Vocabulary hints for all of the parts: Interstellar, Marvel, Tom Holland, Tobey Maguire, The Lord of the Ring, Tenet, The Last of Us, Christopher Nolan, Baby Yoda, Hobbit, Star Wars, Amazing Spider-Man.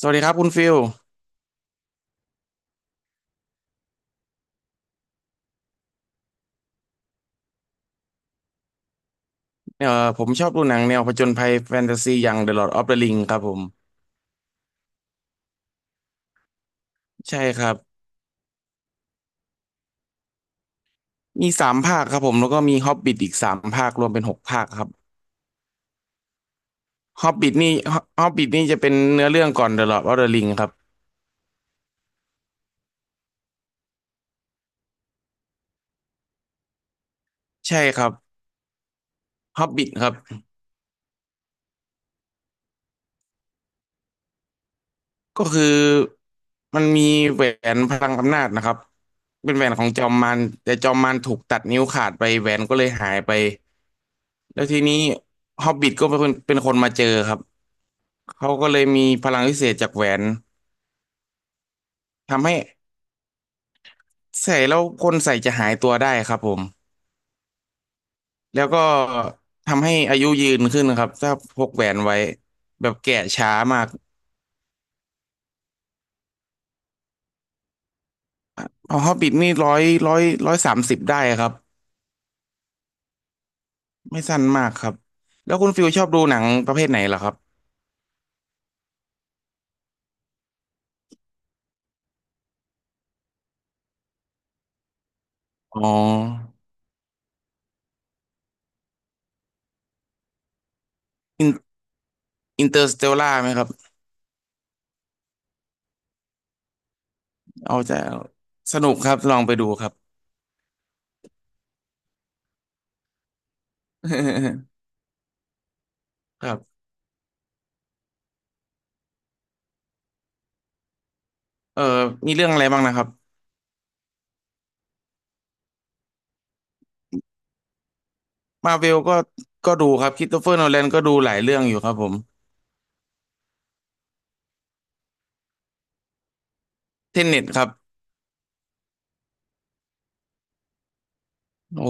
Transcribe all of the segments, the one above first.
สวัสดีครับคุณฟิลเอ่อผมชอบดูหนังแนวผจญภัยแฟนตาซีอย่าง The Lord of the Ring ครับผมใช่ครับมีสามภาคครับผมแล้วก็มี Hobbit อีกสามภาครวมเป็น6 ภาคครับ Hobbit นี่ Hobbit นี่จะเป็นเนื้อเรื่องก่อน The Lord of the Ring ครับใช่ครับ Hobbit ครับก็คือมันมีแหวนพลังอำนาจนะครับเป็นแหวนของจอมมารแต่จอมมารถูกตัดนิ้วขาดไปแหวนก็เลยหายไปแล้วทีนี้ฮอบบิ t ก็เป็นคนมาเจอครับ เขาก็เลยมีพลังพิเศษจากแหวนทำให้ใส่แล้วคนใส่จะหายตัวได้ครับผมแล้วก็ทำให้อายุยืนขึ้นครับถ้าพกแหวนไว้แบบแก่ช้ามากเอาฮอบบิทนี่ร้อย130ได้ครับไม่สั้นมากครับแล้วคุณฟิลชอบดูหนังประเภทไหนเหรอครับอ๋ออินอินเตอร์สเตลล่าไหมครับเอาจะสนุกครับลองไปดูครับ ครับเออมีเรื่องอะไรบ้างนะครับ มาเวลก็ดูครับค h r สโตเฟอร์โนแลนก็ดูหลายเรื่องอยู่ครับผมเทนเน็ตครับโอ้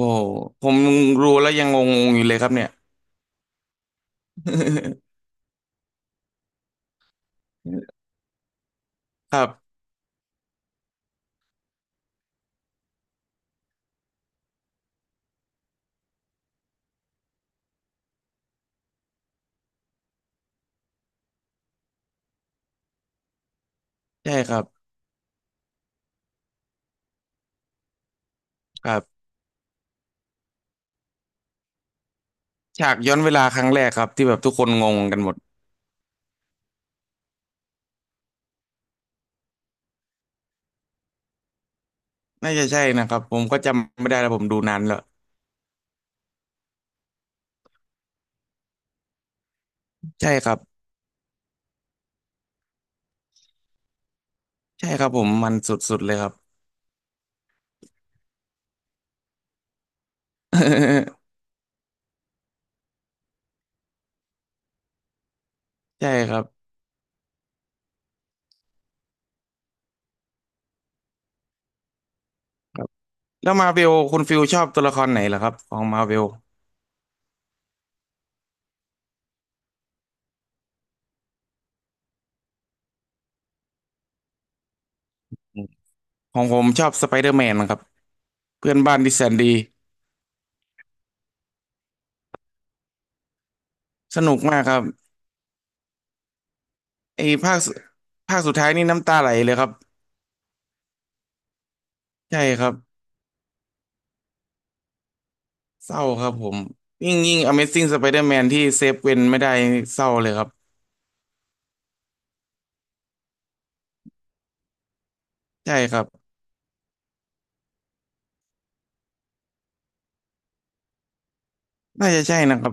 ผมรู้แล้วยังงงๆอยู่เลยครับเนี่ย ครับใช่ครับครับฉากย้อนเวลาครั้งแรกครับที่แบบทุกคนงงกันหมดน่าจะใช่นะครับผมก็จำไม่ได้แล้วผมดูนานแล้วใช่ครับใช่ครับผมมันสุดๆเลยครับ ใช่ครับครับแล้วมาเวลคุณฟิลชอบตัวละครไหนเหรอครับของมาเวลของผมชอบสไปเดอร์แมนครับเพื่อนบ้านที่แสนดีสนุกมากครับ ไอ้ภาคสุดท้ายนี่น้ำตาไหลเลยครับใช่ครับเศร้าครับผมยิ่งยิ่ง Amazing Spider-Man ที่เซฟเวนไม่ได้เศร้าเลยครับใช่ครับน่าจะใช่นะครับ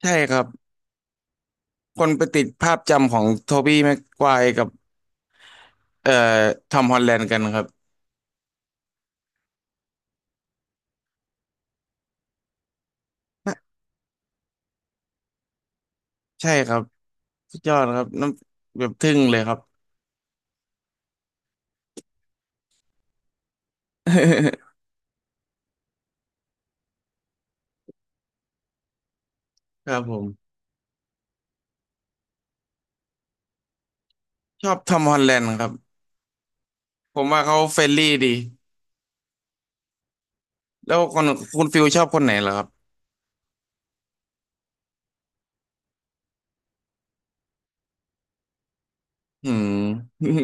ใช่ครับคนไปติดภาพจำของโทบี้แม็กไกวร์กับเอ่อทอมฮอลแลนด์กันครับน่ะใช่ครับสุดยอดครับน้ำแบบทึ่งเลยครับ ครับผมชอบทอมฮอลแลนด์ครับผมว่าเขาเฟรนลี่ดีแล้วคุณฟิลชอบคนไหนเหรอครับอืม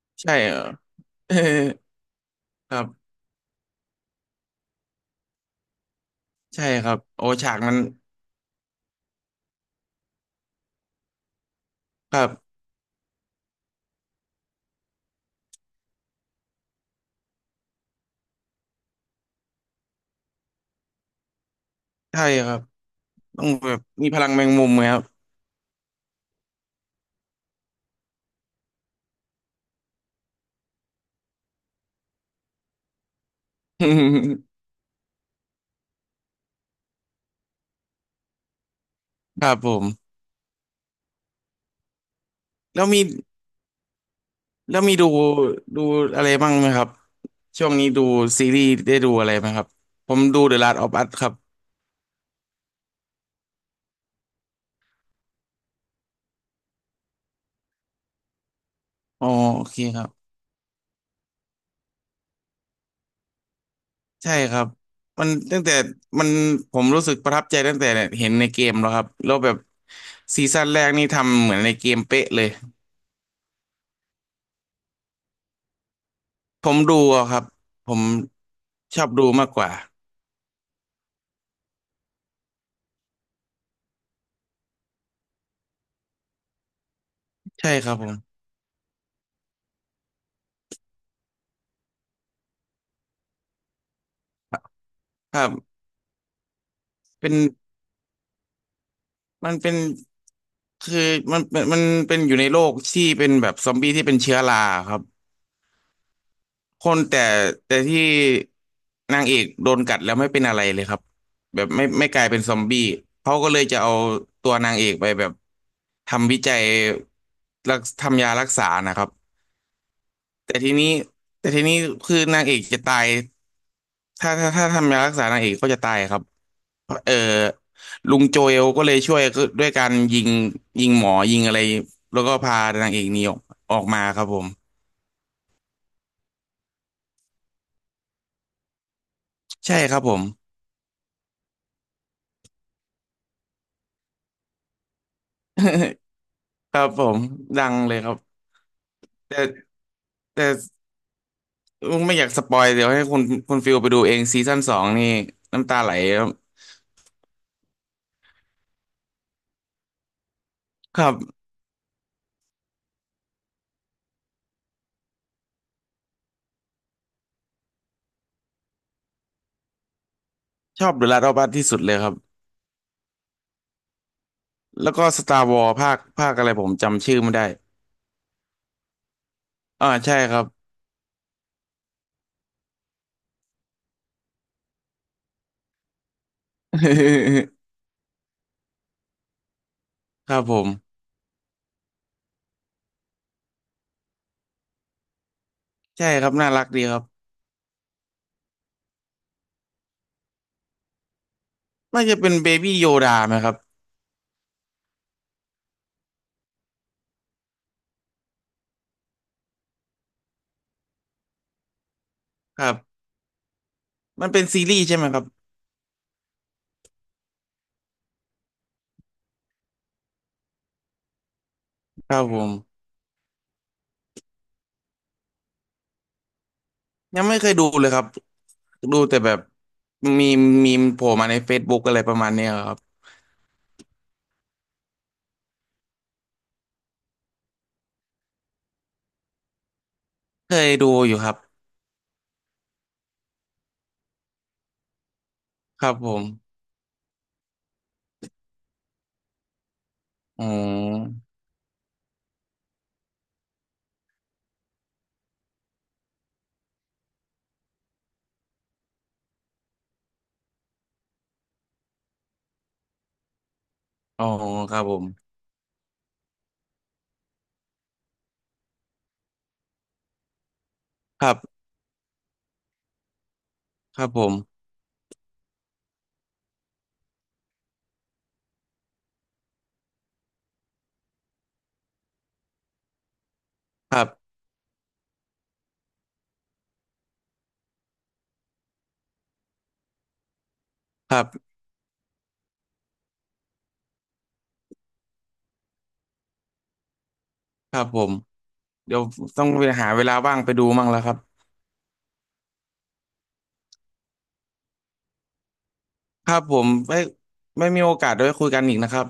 ใช่เหรอ ครับใช่ครับโอฉากมันครับใช่ครับต้องแบบมีพลังแมงมุมไหมครับ ครับผมแล้วมีแล้วมีดูอะไรบ้างไหมครับช่วงนี้ดูซีรีส์ได้ดูอะไรไหมครับผมดู The Last of Us ครับอ๋อโอเคครับใช่ครับมันตั้งแต่มันผมรู้สึกประทับใจตั้งแต่เห็นในเกมแล้วครับแล้วแบบซีซั่นแรกนี่ทำเหมือนในเกมเป๊ะเลยผมดูอะครับผมชอบดูมากกว่าใช่ครับผมครับ เป็นมันเป็นคือมันเป็นอยู่ในโลกที่เป็นแบบซอมบี้ที่เป็นเชื้อราครับคนแต่แต่ที่นางเอกโดนกัดแล้วไม่เป็นอะไรเลยครับแบบไม่กลายเป็นซอมบี้เขาก็เลยจะเอาตัวนางเอกไปแบบทำวิจัยทำยารักษานะครับแต่ทีนี้แต่ทีนี้คือนางเอกจะตาย ถ้าทำยารักษานางเอกก็จะตายครับเออลุงโจเอลก็เลยช่วยก็ด้วยการยิงยิงหมอยิงอะไรแล้วก็พานางเอกหนีออกมาครับผมใช่ครับผม ครับผมดังเลยครับแต่แต่ไม่อยากสปอยเดี๋ยวให้คุณฟิลไปดูเองซีซั่น 2นี่น้ำตาไหลครับครับชอบเดอะลาสต์อออัสที่สุดเลยครับแล้วก็สตาร์วอ s ภาคอะไรผมจำชื่อไม่ได้อ่าใช่ครับ ครับผมใช่ครับน่ารักดีครับ น่าจะเป็นเบบี้โยดาไหมครับครับมันเป็นซีรีส์ใช่ไหมครับครับผมยังไม่เคยดูเลยครับดูแต่แบบมีมีมโผล่มาใน Facebook อะไรประมาณเนี้ยครับเคยดูอยู่ครับครับผมอ๋ออ๋อครับผมครับครับผมครับครับครับผมเดี๋ยวต้องไปหาเวลาว่างไปดูมั่งแล้วครับครับผมไม่มีโอกาสได้คุยกันอีกนะครับ